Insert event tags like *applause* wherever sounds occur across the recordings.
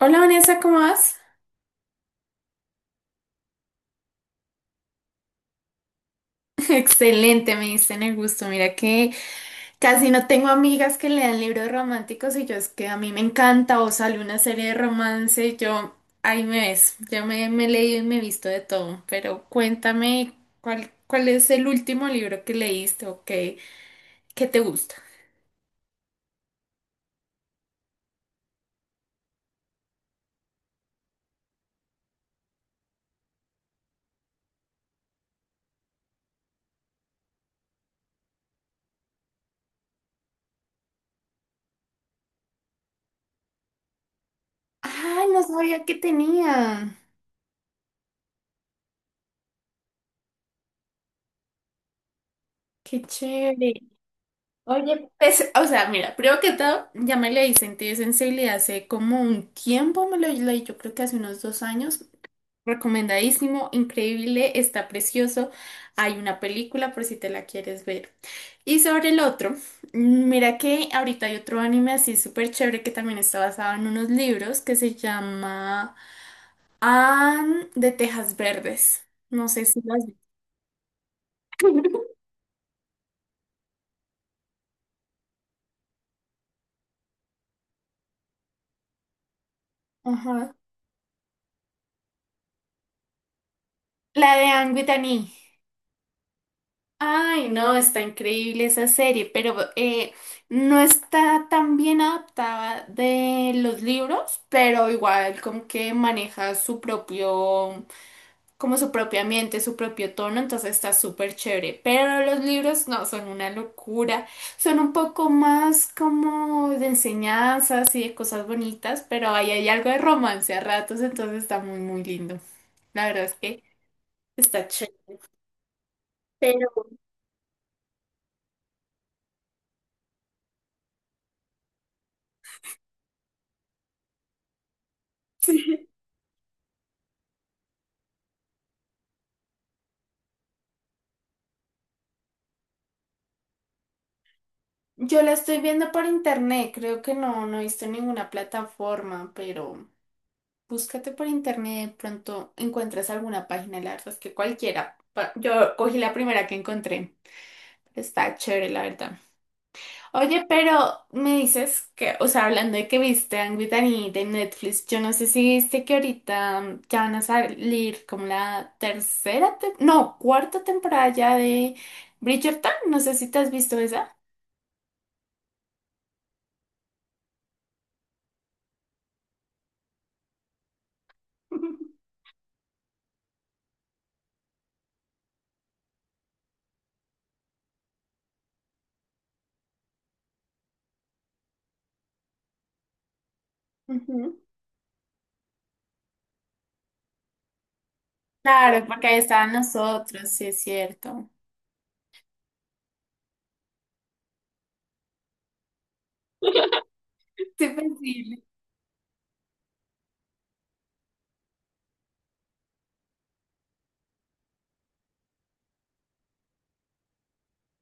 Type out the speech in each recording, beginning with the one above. Hola Vanessa, ¿cómo vas? *laughs* Excelente, me diste en el gusto. Mira que casi no tengo amigas que lean libros románticos y yo es que a mí me encanta o sale una serie de romance y yo ahí me ves. Yo me he leído y me he visto de todo, pero cuéntame cuál es el último libro que leíste o qué te gusta. Ah, no sabía que tenía. Qué chévere. Oye, pues, o sea, mira, primero que todo, ya me leí Sentido y Sensibilidad hace como un tiempo, me lo leí, yo creo que hace unos dos años. Recomendadísimo, increíble, está precioso. Hay una película por si te la quieres ver. Y sobre el otro, mira que ahorita hay otro anime así súper chévere que también está basado en unos libros que se llama Anne de Tejas Verdes. No sé si las... *laughs* Ajá. La de Anne with an E. Ay, no, está increíble esa serie, pero no está tan bien adaptada de los libros, pero igual como que maneja su propio, como su propio ambiente, su propio tono, entonces está súper chévere. Pero los libros no, son una locura, son un poco más como de enseñanzas y de cosas bonitas, pero ahí hay algo de romance a ratos, entonces está muy, muy lindo. La verdad es que está chévere. Yo la estoy viendo por internet, creo que no he visto en ninguna plataforma, pero búscate por internet, de pronto encuentras alguna página, la verdad es que cualquiera. Yo cogí la primera que encontré. Está chévere, la verdad. Oye, pero me dices que, o sea, hablando de que viste Angry Birds de Netflix, yo no sé si viste que ahorita ya van a salir como la tercera, no, cuarta temporada ya de Bridgerton, no sé si te has visto esa. *laughs* Ujú. Claro, porque ahí estaban nosotros, sí es cierto. Sí, pues sí,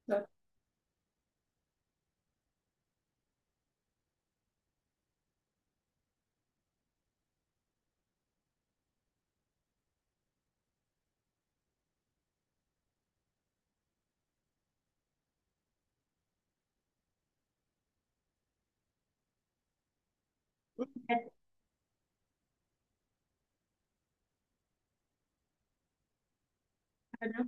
listo, de acuerdo.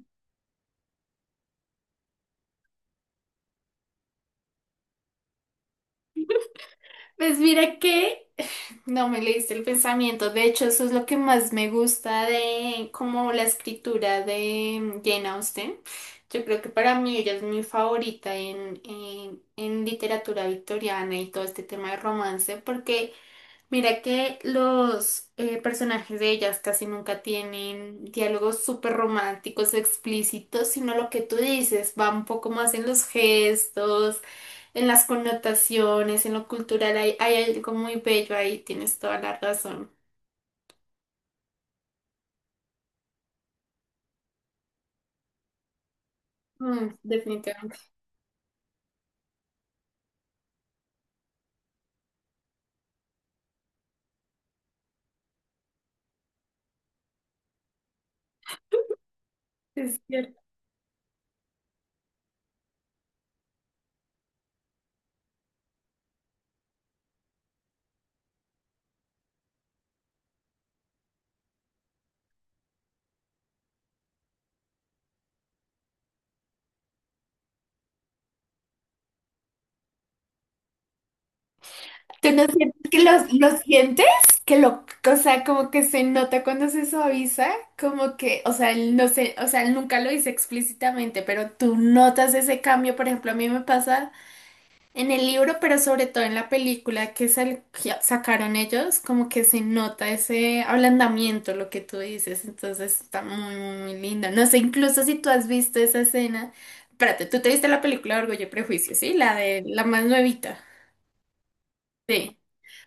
Pues mira que no me leíste el pensamiento. De hecho, eso es lo que más me gusta de como la escritura de Jane Austen. Yo creo que para mí ella es mi favorita en literatura victoriana y todo este tema de romance, porque mira que los personajes de ellas casi nunca tienen diálogos súper románticos, explícitos, sino lo que tú dices, va un poco más en los gestos en las connotaciones, en lo cultural, hay algo muy bello ahí, tienes toda la razón. Mm, definitivamente es cierto. ¿Tú no sientes que lo, sientes? Que lo, o sea, como que se nota cuando se suaviza, como que, o sea, él no sé, o sea, él nunca lo dice explícitamente, pero tú notas ese cambio, por ejemplo, a mí me pasa. En el libro, pero sobre todo en la película que, que sacaron ellos, como que se nota ese ablandamiento, lo que tú dices, entonces está muy, muy, muy linda. No sé, incluso si tú has visto esa escena, espérate, tú te viste la película de Orgullo y Prejuicio, ¿sí? La de la más nuevita. Sí.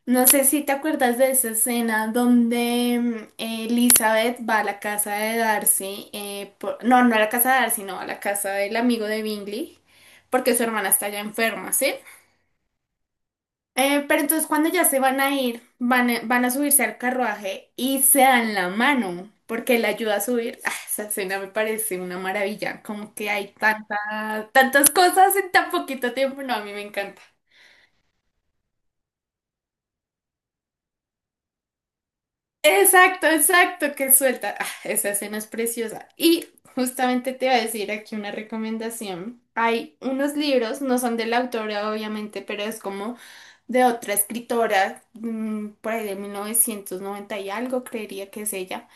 No sé si te acuerdas de esa escena donde Elizabeth va a la casa de Darcy, no, no a la casa de Darcy, no, a la casa del amigo de Bingley, porque su hermana está ya enferma, ¿sí? Pero entonces cuando ya se van a ir, van a subirse al carruaje y se dan la mano, porque él ayuda a subir. Ah, esa escena me parece una maravilla, como que hay tantas cosas en tan poquito tiempo. No, a mí me encanta. Exacto, exacto, que suelta. Ah, esa escena es preciosa. Y justamente te voy a decir aquí una recomendación. Hay unos libros, no son de la autora obviamente, pero es como de otra escritora, por ahí de 1990 y algo, creería que es ella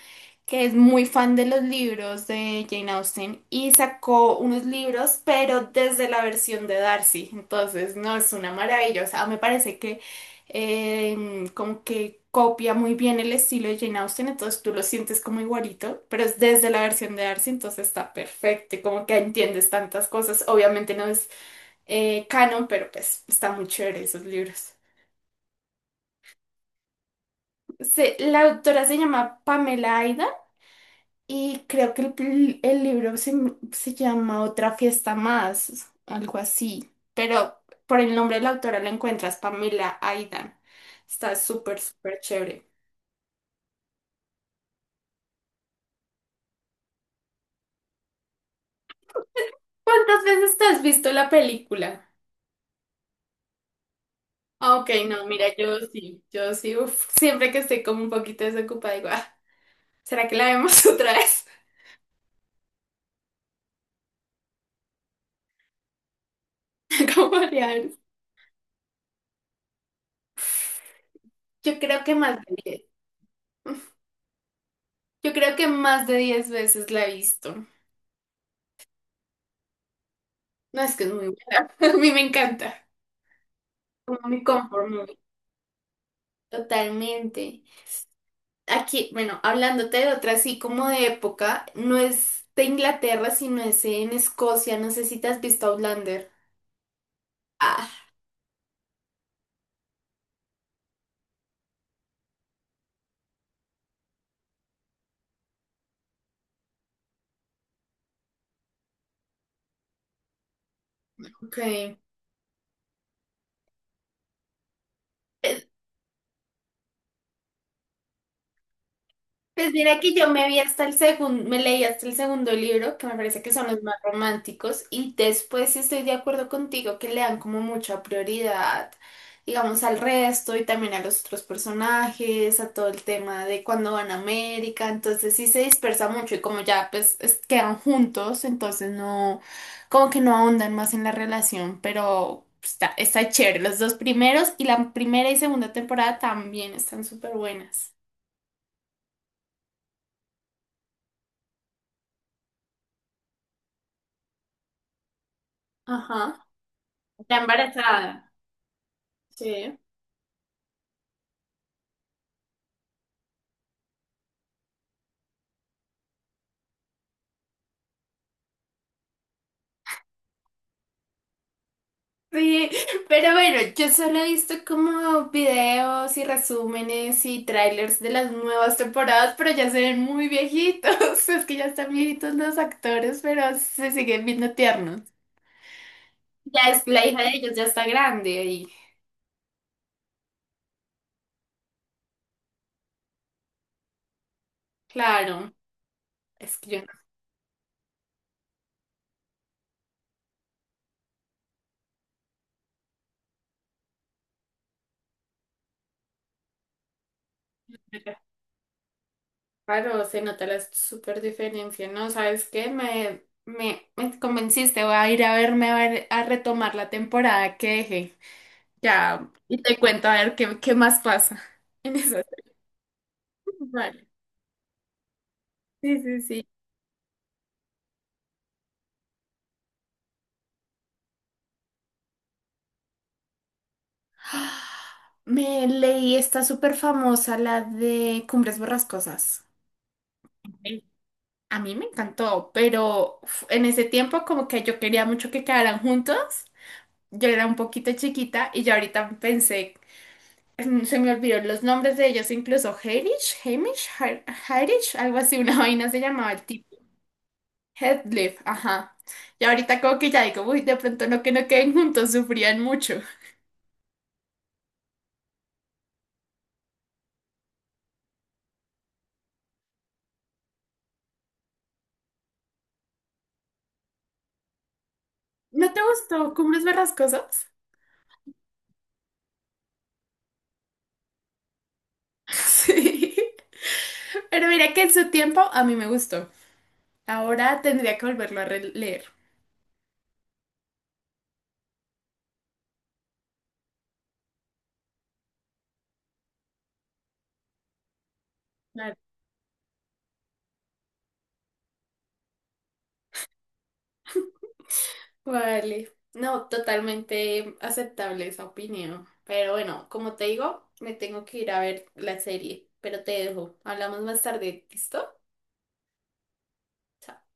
que es muy fan de los libros de Jane Austen y sacó unos libros, pero desde la versión de Darcy. Entonces, no, es una maravilla. O sea, me parece que eh, como que copia muy bien el estilo de Jane Austen, entonces tú lo sientes como igualito, pero es desde la versión de Darcy, entonces está perfecto y como que entiendes tantas cosas. Obviamente no es canon, pero pues está muy chévere esos libros. La autora se llama Pamela Aida. Y creo que el libro se llama Otra fiesta más, algo así. Pero por el nombre de la autora la encuentras, Pamela Aidan. Está súper, súper chévere. ¿Cuántas veces te has visto la película? Ah, ok, no, mira, yo sí, yo sí, uf, siempre que estoy como un poquito desocupada, digo, "Ah, ¿será que la vemos *laughs* otra vez? *laughs* Como Mariana. Yo creo que más de 10. Yo creo que más de 10 veces la he visto. No, es que es muy buena. *laughs* A mí me encanta. Como mi confort. Totalmente. Aquí, bueno, hablándote de otra así como de época, no es de Inglaterra, sino es en Escocia. No sé si te has visto Outlander. Ah, ok. Pues mira que yo me vi hasta el segundo, me leí hasta el segundo libro, que me parece que son los más románticos, y después sí estoy de acuerdo contigo que le dan como mucha prioridad, digamos, al resto y también a los otros personajes, a todo el tema de cuando van a América, entonces sí se dispersa mucho y como ya pues quedan juntos, entonces no, como que no ahondan más en la relación, pero está, está chévere, los dos primeros y la primera y segunda temporada también están súper buenas. Ajá. Está embarazada. Sí. Sí, pero bueno, yo solo he visto como videos y resúmenes y trailers de las nuevas temporadas, pero ya se ven muy viejitos. *laughs* Es que ya están viejitos los actores, pero se siguen viendo tiernos. Ya es la hija de ellos, ya está grande. Y claro, es que yo, no, claro, se nota la super diferencia, ¿no? ¿Sabes qué? Me convenciste, voy a ir a verme a ver, a retomar la temporada que dejé. Ya, y te cuento a ver qué más pasa *laughs* en esas. Vale. Sí, sí, sí. *gasps* Me leí esta súper famosa, la de Cumbres Borrascosas. Me- A mí me encantó, pero uf, en ese tiempo como que yo quería mucho que quedaran juntos. Yo era un poquito chiquita y ya ahorita pensé, mm, se me olvidaron los nombres de ellos, incluso Harish, algo así, una *laughs* vaina se llamaba el tipo. Headlift, ajá. Y ahorita como que ya digo, uy, de pronto no que no queden juntos, sufrían mucho. ¿No te gustó Cumbres Borrascosas? *laughs* Sí. Pero mira que en su tiempo a mí me gustó. Ahora tendría que volverlo a releer. Claro. Vale. No, totalmente aceptable esa opinión. Pero bueno, como te digo, me tengo que ir a ver la serie. Pero te dejo. Hablamos más tarde. ¿Listo? Chao.